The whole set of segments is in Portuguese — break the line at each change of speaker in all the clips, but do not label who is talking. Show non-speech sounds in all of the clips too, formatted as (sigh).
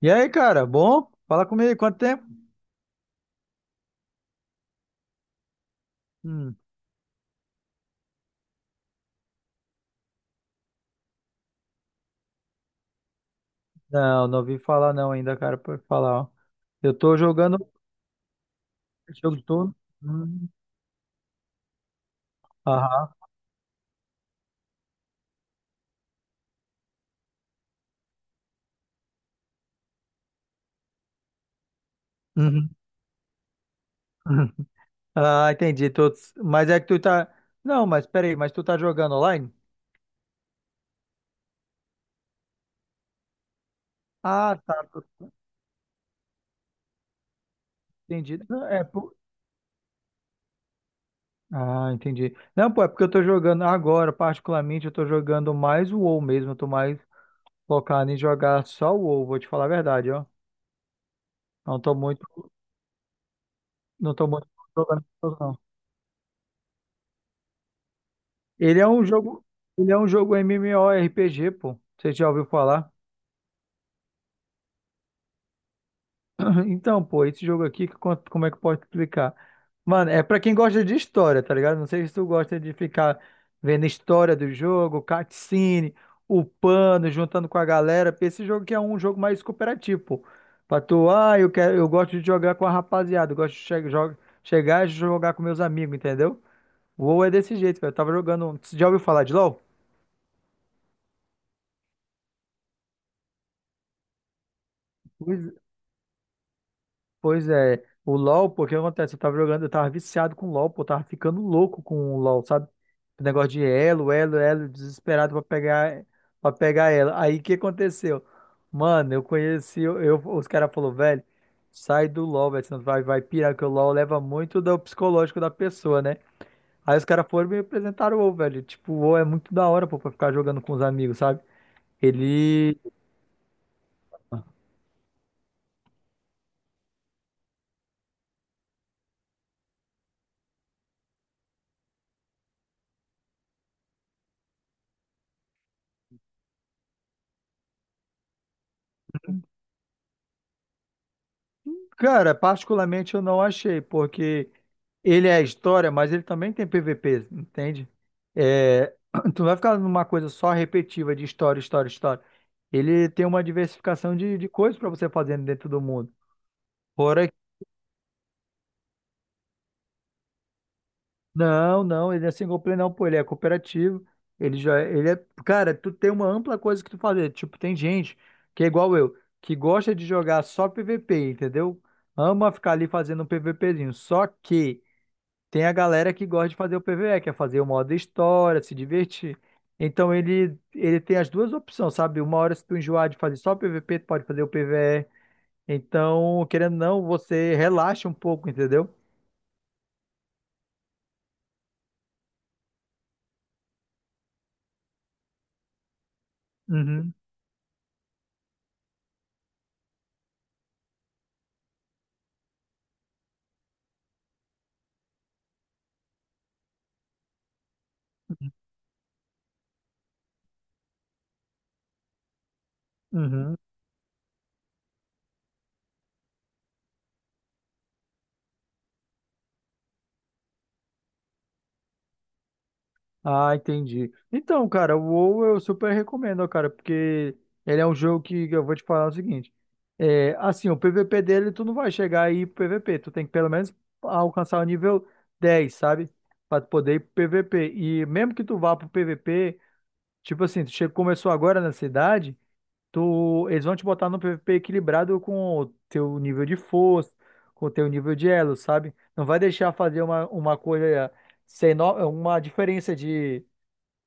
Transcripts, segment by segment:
E aí, cara, bom? Fala comigo, quanto tempo? Hum, não, não ouvi falar não ainda, cara, por falar, ó. Eu tô jogando um jogo de turno. Hum, aham. Uhum. (laughs) Ah, entendi. Mas é que tu tá... Não, mas peraí, mas tu tá jogando online? Ah, tá. Entendi. Não, Ah, entendi. Não, pô, é porque eu tô jogando agora, particularmente, eu tô jogando mais o WoW mesmo. Eu tô mais focado em jogar só o WoW, vou te falar a verdade, ó. Não tô muito... Não tô muito jogando, não. Ele é um jogo, ele é um jogo MMORPG, pô. Você já ouviu falar? (clears throat) Então, pô, esse jogo aqui, como é que eu posso explicar? Mano, é pra quem gosta de história, tá ligado? Não sei se tu gosta de ficar vendo história do jogo, cutscene, upando, juntando com a galera, porque esse jogo aqui é um jogo mais cooperativo, pô. Pra tu, ah, eu quero, eu gosto de jogar com a rapaziada, eu gosto de chegar e jogar com meus amigos, entendeu? O WoW é desse jeito, velho. Eu tava jogando. Você já ouviu falar de LoL? Pois é, o LoL, pô, o que acontece? Eu tava jogando, eu tava viciado com LoL, pô, eu tava ficando louco com o LoL, sabe? O negócio de elo, elo, elo, desesperado pra pegar ela. Aí o que aconteceu? Mano, eu conheci, eu- os caras falaram, velho, sai do LoL, velho, senão tu vai pirar, que o LoL leva muito do psicológico da pessoa, né? Aí os caras foram e me apresentaram o WoW, velho. Tipo, o WoW é muito da hora, pô, pra ficar jogando com os amigos, sabe? Ele. Cara, particularmente eu não achei, porque ele é história, mas ele também tem PVP, entende? É, (clears throat) tu não vai ficar numa coisa só repetiva de história, história, história. Ele tem uma diversificação de coisas pra você fazer dentro do mundo. Fora, que- não, não, ele é single player não, pô, ele é cooperativo. Ele já, ele é, Cara, tu tem uma ampla coisa que tu fazer. Tipo, tem gente que é igual eu, que gosta de jogar só PVP, entendeu? Ama ficar ali fazendo um PVPzinho. Só que tem a galera que gosta de fazer o PvE, que é fazer o modo história, se divertir. Então ele tem as duas opções, sabe? Uma hora se tu enjoar de fazer só PvP, tu pode fazer o PvE. Então, querendo ou não, você relaxa um pouco, entendeu? Uhum, uhum. Ah, entendi. Então, cara, o WoW eu super recomendo, ó, cara, porque ele é um jogo que eu vou te falar o seguinte. É, assim, o PVP dele, tu não vai chegar aí pro PVP, tu tem que pelo menos alcançar o nível 10, sabe? Pra tu poder ir pro PVP. E mesmo que tu vá pro PVP, tipo assim, tu chegou, começou agora na cidade, eles vão te botar no PVP equilibrado com o teu nível de força, com o teu nível de elo, sabe? Não vai deixar fazer uma coisa sem no- uma diferença de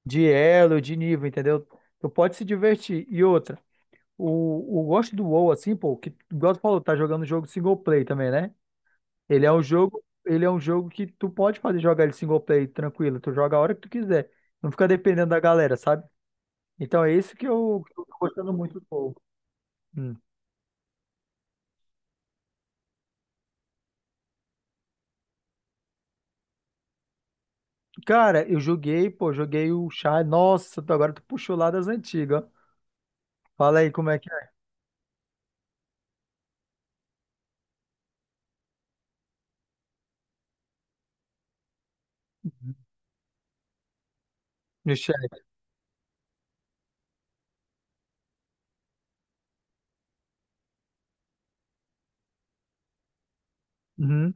de elo, de nível, entendeu? Tu pode se divertir. E outra, o gosto do WoW, assim, pô, que igual tu falou, tá jogando um jogo single play também, né? Ele é um jogo que tu pode fazer jogar ele single play tranquilo, tu joga a hora que tu quiser. Não fica dependendo da galera, sabe? Então é isso que eu tô gostando muito do WoW. Hum. Cara, eu joguei, pô, joguei o Chai. Nossa, agora tu puxou lá das antigas, ó. Fala aí como é que é no chat. Uhum,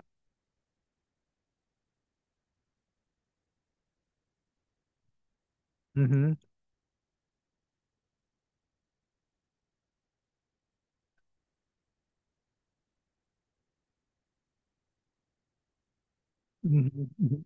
uhum, uhum. Uhum.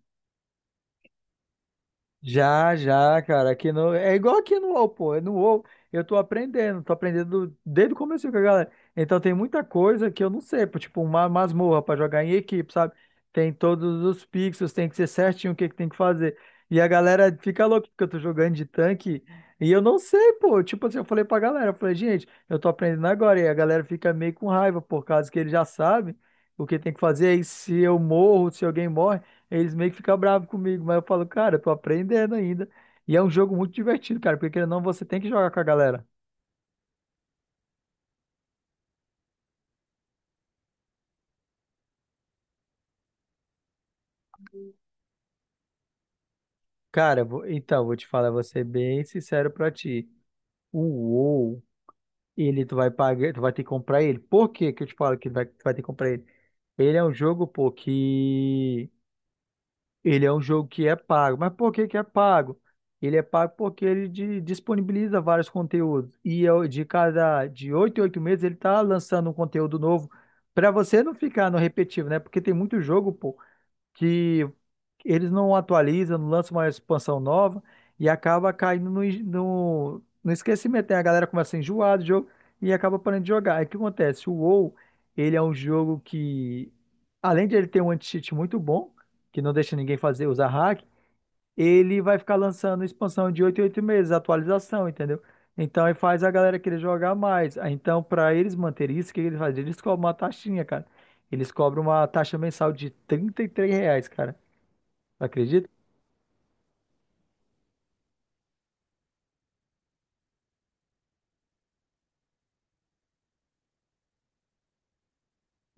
Já, já, cara, aqui no... É igual aqui no UOL, pô, é no UOL eu tô aprendendo desde o começo com a galera. Então tem muita coisa que eu não sei, pô, tipo uma masmorra pra jogar em equipe, sabe? Tem todos os pixels, tem que ser certinho o que que tem que fazer. E a galera fica louca porque eu tô jogando de tanque e eu não sei, pô. Tipo assim, eu falei pra galera, eu falei, gente, eu tô aprendendo agora. E a galera fica meio com raiva por causa que ele já sabe o que tem que fazer. E se eu morro, se alguém morre. Eles meio que ficam bravos comigo, mas eu falo, cara, eu tô aprendendo ainda. E é um jogo muito divertido, cara, porque querendo ou não, você tem que jogar com a galera. Cara, então, vou te falar, vou ser bem sincero pra ti. O WoW, ele tu vai pagar, tu vai ter que comprar ele. Por que que eu te falo que tu vai ter que comprar ele? Ele é um jogo, pô, que Ele é um jogo que é pago. Mas por que que é pago? Ele é pago porque ele disponibiliza vários conteúdos. E eu- de cada de 8 em 8 meses ele está lançando um conteúdo novo para você não ficar no repetitivo, né? Porque tem muito jogo, pô, que eles não atualizam, não lançam uma expansão nova e acaba caindo no esquecimento. Aí a galera começa a enjoar do jogo e acaba parando de jogar. Aí o que acontece? O WoW, ele é um jogo que, além de ele ter um anti-cheat muito bom, que não deixa ninguém fazer usar hack, ele vai ficar lançando expansão de 8 em 8 meses, atualização, entendeu? Então, aí faz a galera querer jogar mais. Aí, então, para eles manterem isso, o que que eles fazem? Eles cobram uma taxinha, cara. Eles cobram uma taxa mensal de R$ 33, cara. Tu acredita?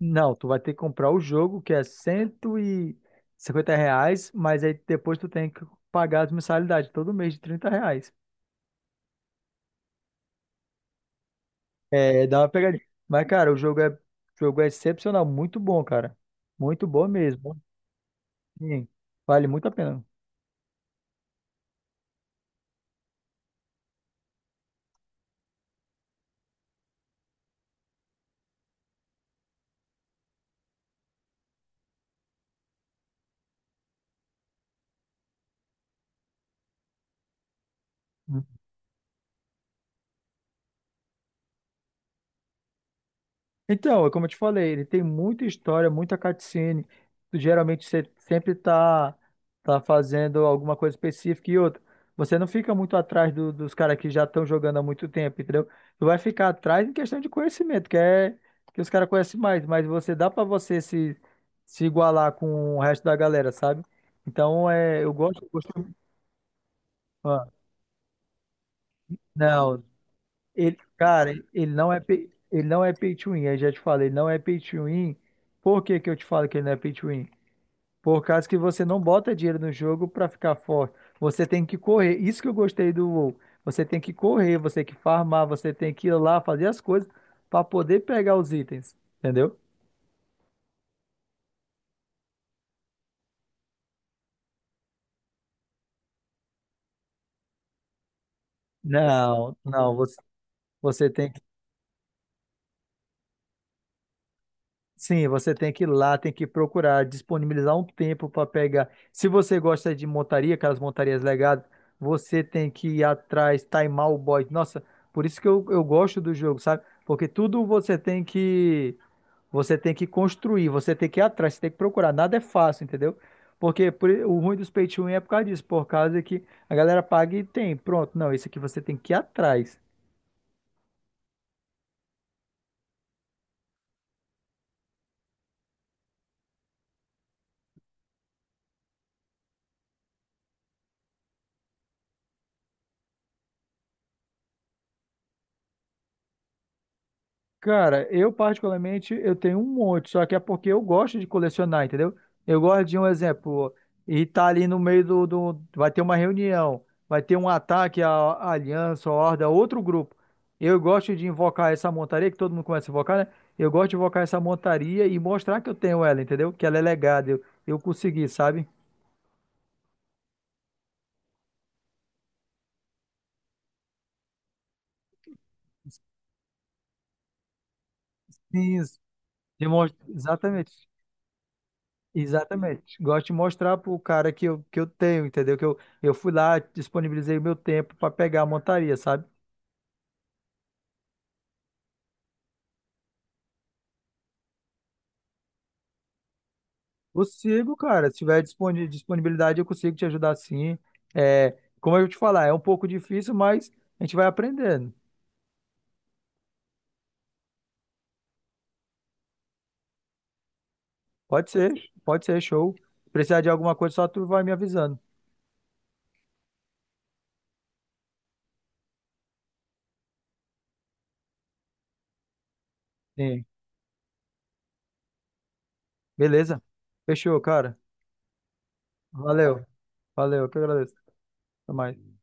Não, tu vai ter que comprar o jogo, que é R$ 150, mas aí depois tu tem que pagar as mensalidades todo mês de R$ 30. É, dá uma pegadinha. Mas, cara, o jogo é excepcional, muito bom, cara. Muito bom mesmo. Sim, vale muito a pena. Então, é como eu te falei, ele tem muita história, muita cutscene. Geralmente você sempre tá fazendo alguma coisa específica e outra. Você não fica muito atrás dos caras que já estão jogando há muito tempo, entendeu? Tu vai ficar atrás em questão de conhecimento, que é que os caras conhecem mais, mas você dá pra você se igualar com o resto da galera, sabe? Então, é, Ah, não. Ele, cara, ele não é pay to win, eu já te falei, ele não é pay to win. Por que que eu te falo que ele não é pay to win? Por causa que você não bota dinheiro no jogo pra ficar forte. Você tem que correr. Isso que eu gostei do WoW. Você tem que correr, você tem que farmar, você tem que ir lá fazer as coisas pra poder pegar os itens, entendeu? Não, não, você tem. Sim, você tem que ir lá, tem que procurar, disponibilizar um tempo para pegar. Se você gosta de montaria, aquelas montarias legadas, você tem que ir atrás, timar o boy. Nossa, por isso que eu gosto do jogo, sabe? Porque tudo você tem que construir, você tem que ir atrás, você tem que procurar. Nada é fácil, entendeu? Porque o ruim dos pay to win é por causa disso, por causa que a galera paga e tem. Pronto, não, isso aqui você tem que ir atrás. Cara, eu particularmente eu tenho um monte, só que é porque eu gosto de colecionar, entendeu? Eu gosto de um exemplo, e tá ali no meio vai ter uma reunião, vai ter um ataque à, aliança, à horda, outro grupo. Eu gosto de invocar essa montaria, que todo mundo começa a invocar, né? Eu gosto de invocar essa montaria e mostrar que eu tenho ela, entendeu? Que ela é legada, eu consegui, sabe? Sim, Exatamente. Exatamente. Gosto de mostrar pro cara que eu tenho, entendeu? Que eu fui lá, disponibilizei o meu tempo para pegar a montaria, sabe? Consigo, cara. Se tiver disponibilidade, eu consigo te ajudar sim. É, como eu te falar, é um pouco difícil, mas a gente vai aprendendo. Pode ser, pode ser, show. Se precisar de alguma coisa, só tu vai me avisando. Sim. Beleza? Fechou, cara. Valeu. Valeu, eu que agradeço. Até mais.